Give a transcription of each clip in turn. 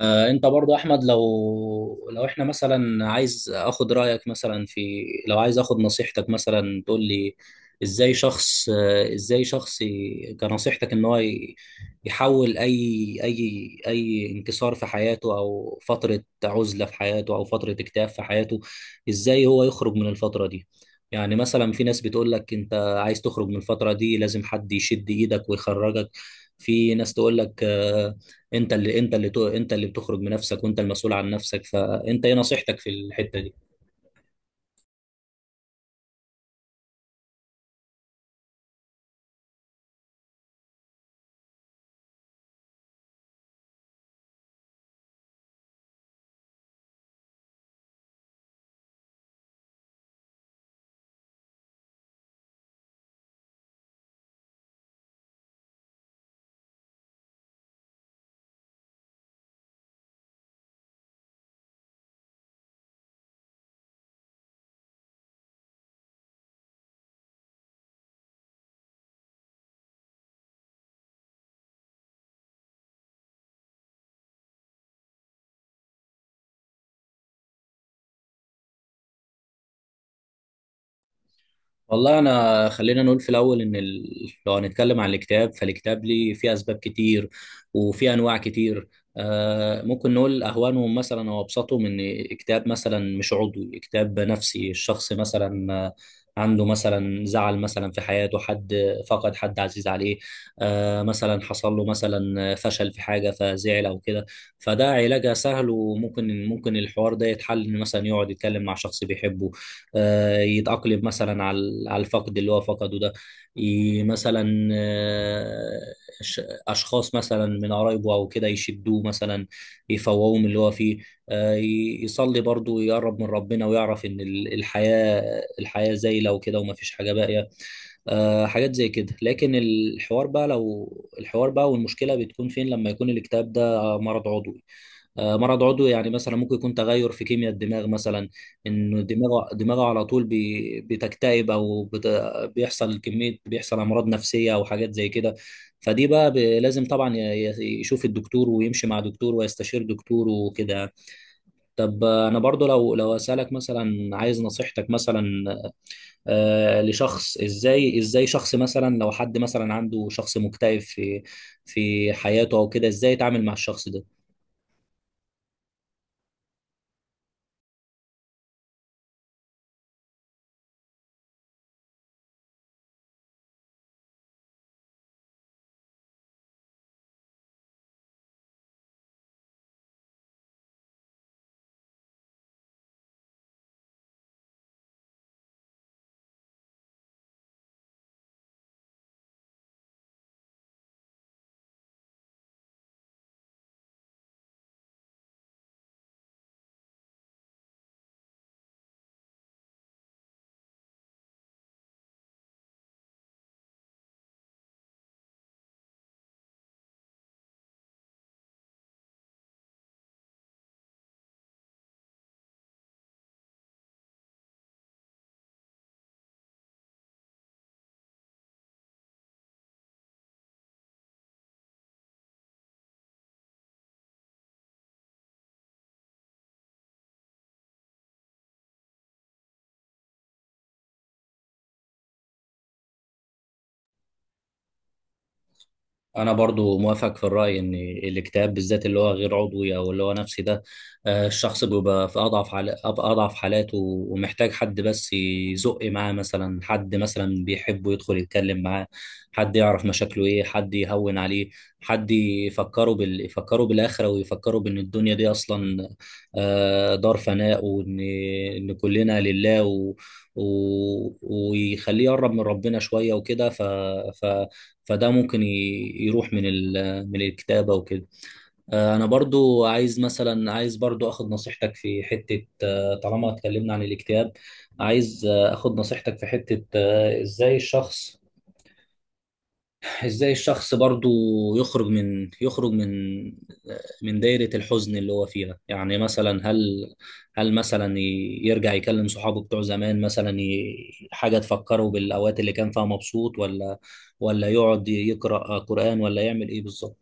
انت برضو احمد لو احنا مثلا عايز اخد رايك مثلا في لو عايز اخد نصيحتك مثلا تقول لي ازاي شخص ازاي شخص كنصيحتك ان هو يحول اي انكسار في حياته او فتره عزله في حياته او فتره اكتئاب في حياته، ازاي هو يخرج من الفتره دي؟ يعني مثلا في ناس بتقول لك انت عايز تخرج من الفتره دي لازم حد يشد ايدك ويخرجك، في ناس تقول لك انت اللي انت اللي بتخرج بنفسك وانت المسؤول عن نفسك، فانت ايه نصيحتك في الحتة دي؟ والله انا خلينا نقول في الاول ان لو هنتكلم عن الكتاب فالكتاب ليه فيه اسباب كتير وفيه انواع كتير. آه ممكن نقول اهوانهم مثلا او ابسطهم ان كتاب مثلا مش عضوي، كتاب نفسي، الشخص مثلا عنده مثلا زعل مثلا في حياته، حد فقد حد عزيز عليه، آه مثلا حصل له مثلا فشل في حاجه فزعل او كده، فده علاجها سهل، وممكن الحوار ده يتحل إن مثلا يقعد يتكلم مع شخص بيحبه، يتأقلم مثلا على الفقد اللي هو فقده ده، ي- مثلا آه، ش- أشخاص مثلا من قرايبه أو كده يشدوه مثلا، يفوقوه من اللي هو فيه، يصلي برضه ويقرب من ربنا ويعرف إن الحياة، الحياة زايلة وكده ومفيش حاجة باقية، حاجات زي كده. لكن الحوار بقى لو الحوار بقى والمشكلة بتكون فين لما يكون الاكتئاب ده مرض عضوي. مرض عضوي يعني مثلا ممكن يكون تغير في كيمياء الدماغ مثلا، انه دماغه على طول بتكتئب او بيحصل كمية، بيحصل امراض نفسية او حاجات زي كده. فدي بقى لازم طبعا يشوف الدكتور ويمشي مع دكتور ويستشير دكتور وكده يعني. طب انا برضو لو اسالك مثلا عايز نصيحتك مثلا، لشخص، ازاي شخص مثلا لو حد مثلا عنده شخص مكتئب في في حياته او كده، ازاي يتعامل مع الشخص ده؟ انا برضو موافق في الراي ان الاكتئاب بالذات اللي هو غير عضوي او اللي هو نفسي ده، الشخص بيبقى في في اضعف حالاته ومحتاج حد بس يزق معاه، مثلا حد مثلا بيحبه يدخل يتكلم معاه، حد يعرف مشاكله ايه، حد يهون عليه، حد يفكره يفكره بالاخره ويفكره بان الدنيا دي اصلا دار فناء، وان ان كلنا لله ويخليه يقرب من ربنا شويه وكده. ف... فده ممكن يروح من من الكتابة وكده. انا برضو عايز مثلا، عايز برضو اخد نصيحتك في حتة، طالما اتكلمنا عن الاكتئاب، عايز اخد نصيحتك في حتة، ازاي الشخص، ازاي الشخص برضو يخرج من يخرج من من دايرة الحزن اللي هو فيها. يعني مثلا هل، هل مثلا يرجع يكلم صحابه بتوع زمان مثلا، حاجة تفكره بالأوقات اللي كان فيها مبسوط، ولا ولا يقعد يقرأ قرآن، ولا يعمل ايه بالظبط؟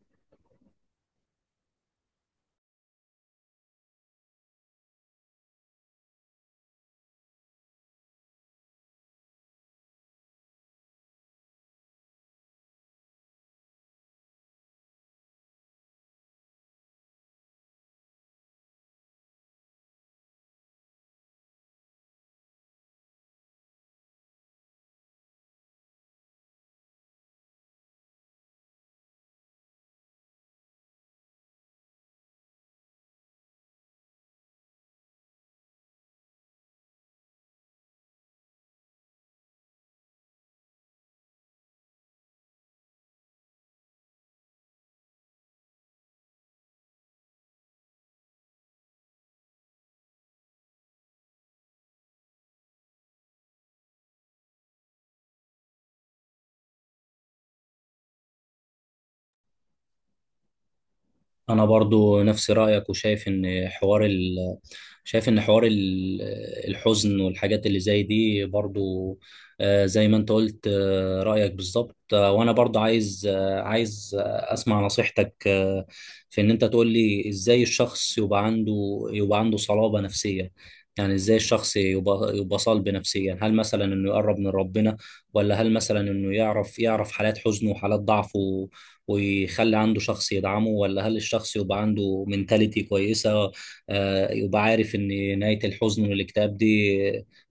انا برضو نفس رايك وشايف ان حوار شايف ان حوار الحزن والحاجات اللي زي دي برضو، زي ما انت قلت، رايك بالظبط. وانا برضو عايز، اسمع نصيحتك، في ان انت تقول لي ازاي الشخص يبقى عنده، يبقى عنده صلابة نفسية. يعني ازاي الشخص يبقى صلب نفسيا، هل مثلا انه يقرب من ربنا، ولا هل مثلا انه يعرف، يعرف حالات حزنه وحالات ضعفه ويخلي عنده شخص يدعمه، ولا هل الشخص يبقى عنده منتاليتي كويسة، يبقى عارف إن نهاية الحزن والاكتئاب دي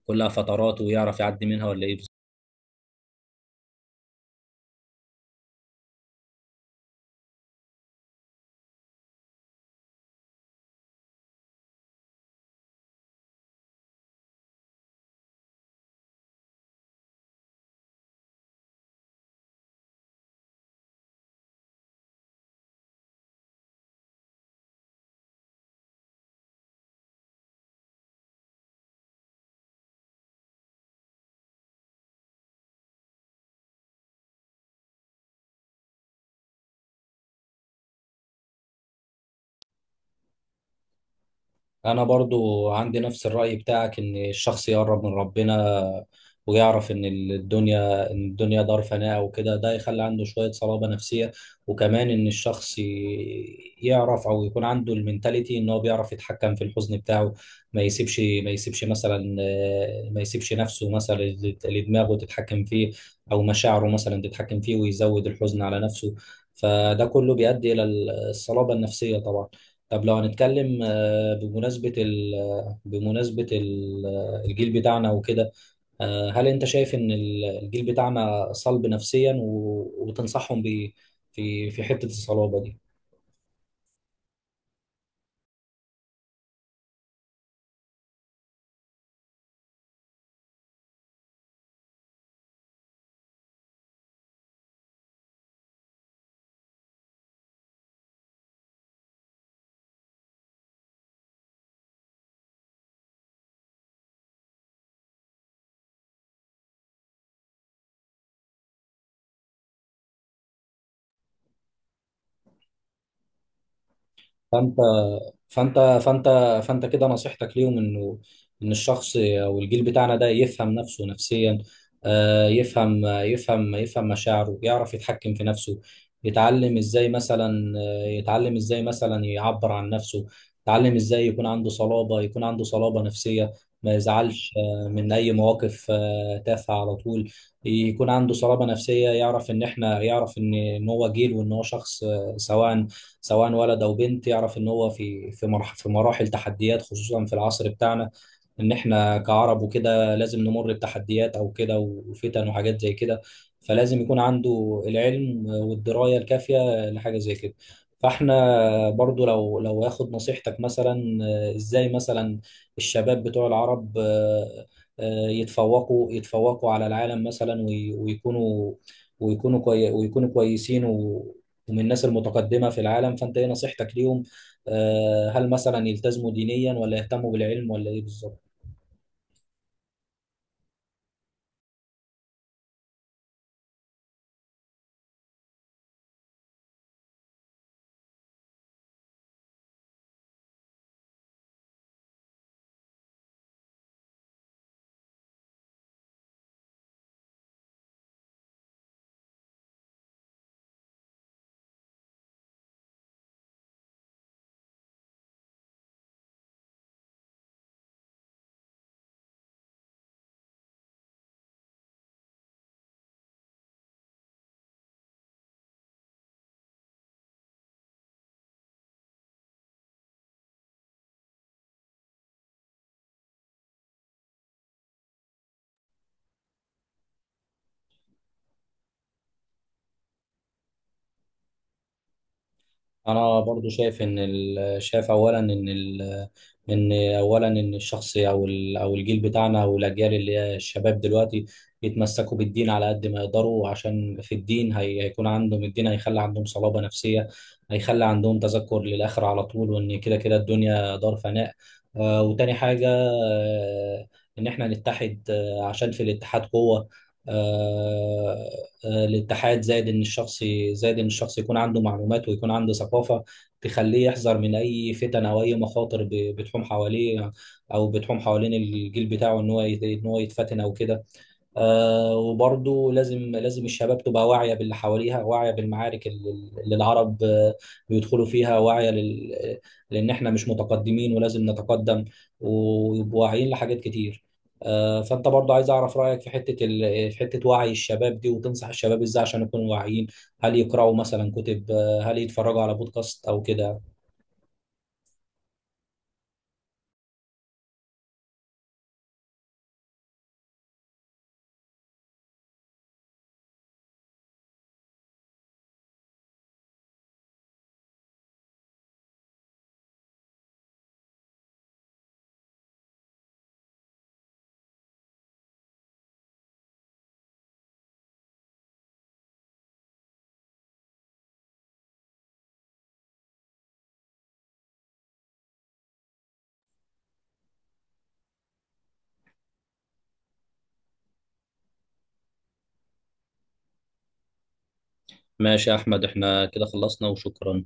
كلها فترات ويعرف يعدي منها، ولا إيه؟ أنا برضو عندي نفس الرأي بتاعك إن الشخص يقرب من ربنا ويعرف إن الدنيا، إن الدنيا دار فناء وكده، ده يخلي عنده شوية صلابة نفسية. وكمان إن الشخص يعرف أو يكون عنده المنتاليتي إن هو بيعرف يتحكم في الحزن بتاعه، ما يسيبش مثلا، ما يسيبش نفسه مثلا، لدماغه تتحكم فيه، أو مشاعره مثلا تتحكم فيه ويزود الحزن على نفسه. فده كله بيؤدي إلى الصلابة النفسية طبعا. طب لو هنتكلم بمناسبة ال الجيل بتاعنا وكده، هل أنت شايف إن الجيل بتاعنا صلب نفسيا وتنصحهم بإيه في في حتة الصلابة دي؟ فأنت فانت فانت فانت كده نصيحتك ليهم انه ان الشخص او الجيل بتاعنا ده يفهم نفسه نفسيا، يفهم يفهم مشاعره، يعرف يتحكم في نفسه، يتعلم ازاي مثلا، يتعلم ازاي مثلا يعبر عن نفسه، يتعلم ازاي يكون عنده صلابة يكون عنده صلابة نفسية، ما يزعلش من اي مواقف تافهة على طول، يكون عنده صلابة نفسية، يعرف ان احنا، يعرف ان إن هو جيل وان هو شخص، سواء ولد او بنت، يعرف ان هو في في في مراحل تحديات خصوصا في العصر بتاعنا، ان احنا كعرب وكده لازم نمر بتحديات او كده وفتن وحاجات زي كده، فلازم يكون عنده العلم والدراية الكافية لحاجة زي كده. فاحنا برضو لو اخد نصيحتك مثلا، ازاي مثلا الشباب بتوع العرب، يتفوقوا يتفوقوا على العالم مثلا ويكونوا، ويكونوا كوي ويكونوا كويسين ومن الناس المتقدمة في العالم، فانت ايه نصيحتك ليهم؟ هل مثلا يلتزموا دينيا، ولا يهتموا بالعلم، ولا ايه بالظبط؟ انا برضو شايف ان شايف اولا ان ان اولا ان الشخص او او الجيل بتاعنا او الاجيال اللي هي الشباب دلوقتي يتمسكوا بالدين على قد ما يقدروا، عشان في الدين هيكون عندهم الدين هيخلي عندهم صلابة نفسية، هيخلي عندهم تذكر للآخرة على طول، وان كده كده الدنيا دار فناء. آه، وتاني حاجة آه ان احنا نتحد آه عشان في الاتحاد قوة. آه، الاتحاد، زائد ان الشخص زائد ان الشخص يكون عنده معلومات ويكون عنده ثقافه تخليه يحذر من اي فتن او اي مخاطر بتحوم حواليه او بتحوم حوالين الجيل بتاعه ان هو ان هو يتفتن او كده. وبرضو لازم الشباب تبقى واعية باللي حواليها، واعية بالمعارك اللي العرب بيدخلوا فيها، واعية لأن إحنا مش متقدمين ولازم نتقدم، ويبقوا واعيين لحاجات كتير. فأنت برضو عايز أعرف رأيك في حتة في حتة وعي الشباب دي، وتنصح الشباب إزاي عشان يكونوا واعيين؟ هل يقرأوا مثلا كتب، هل يتفرجوا على بودكاست أو كده؟ ماشي يا أحمد، إحنا كده خلصنا وشكرا.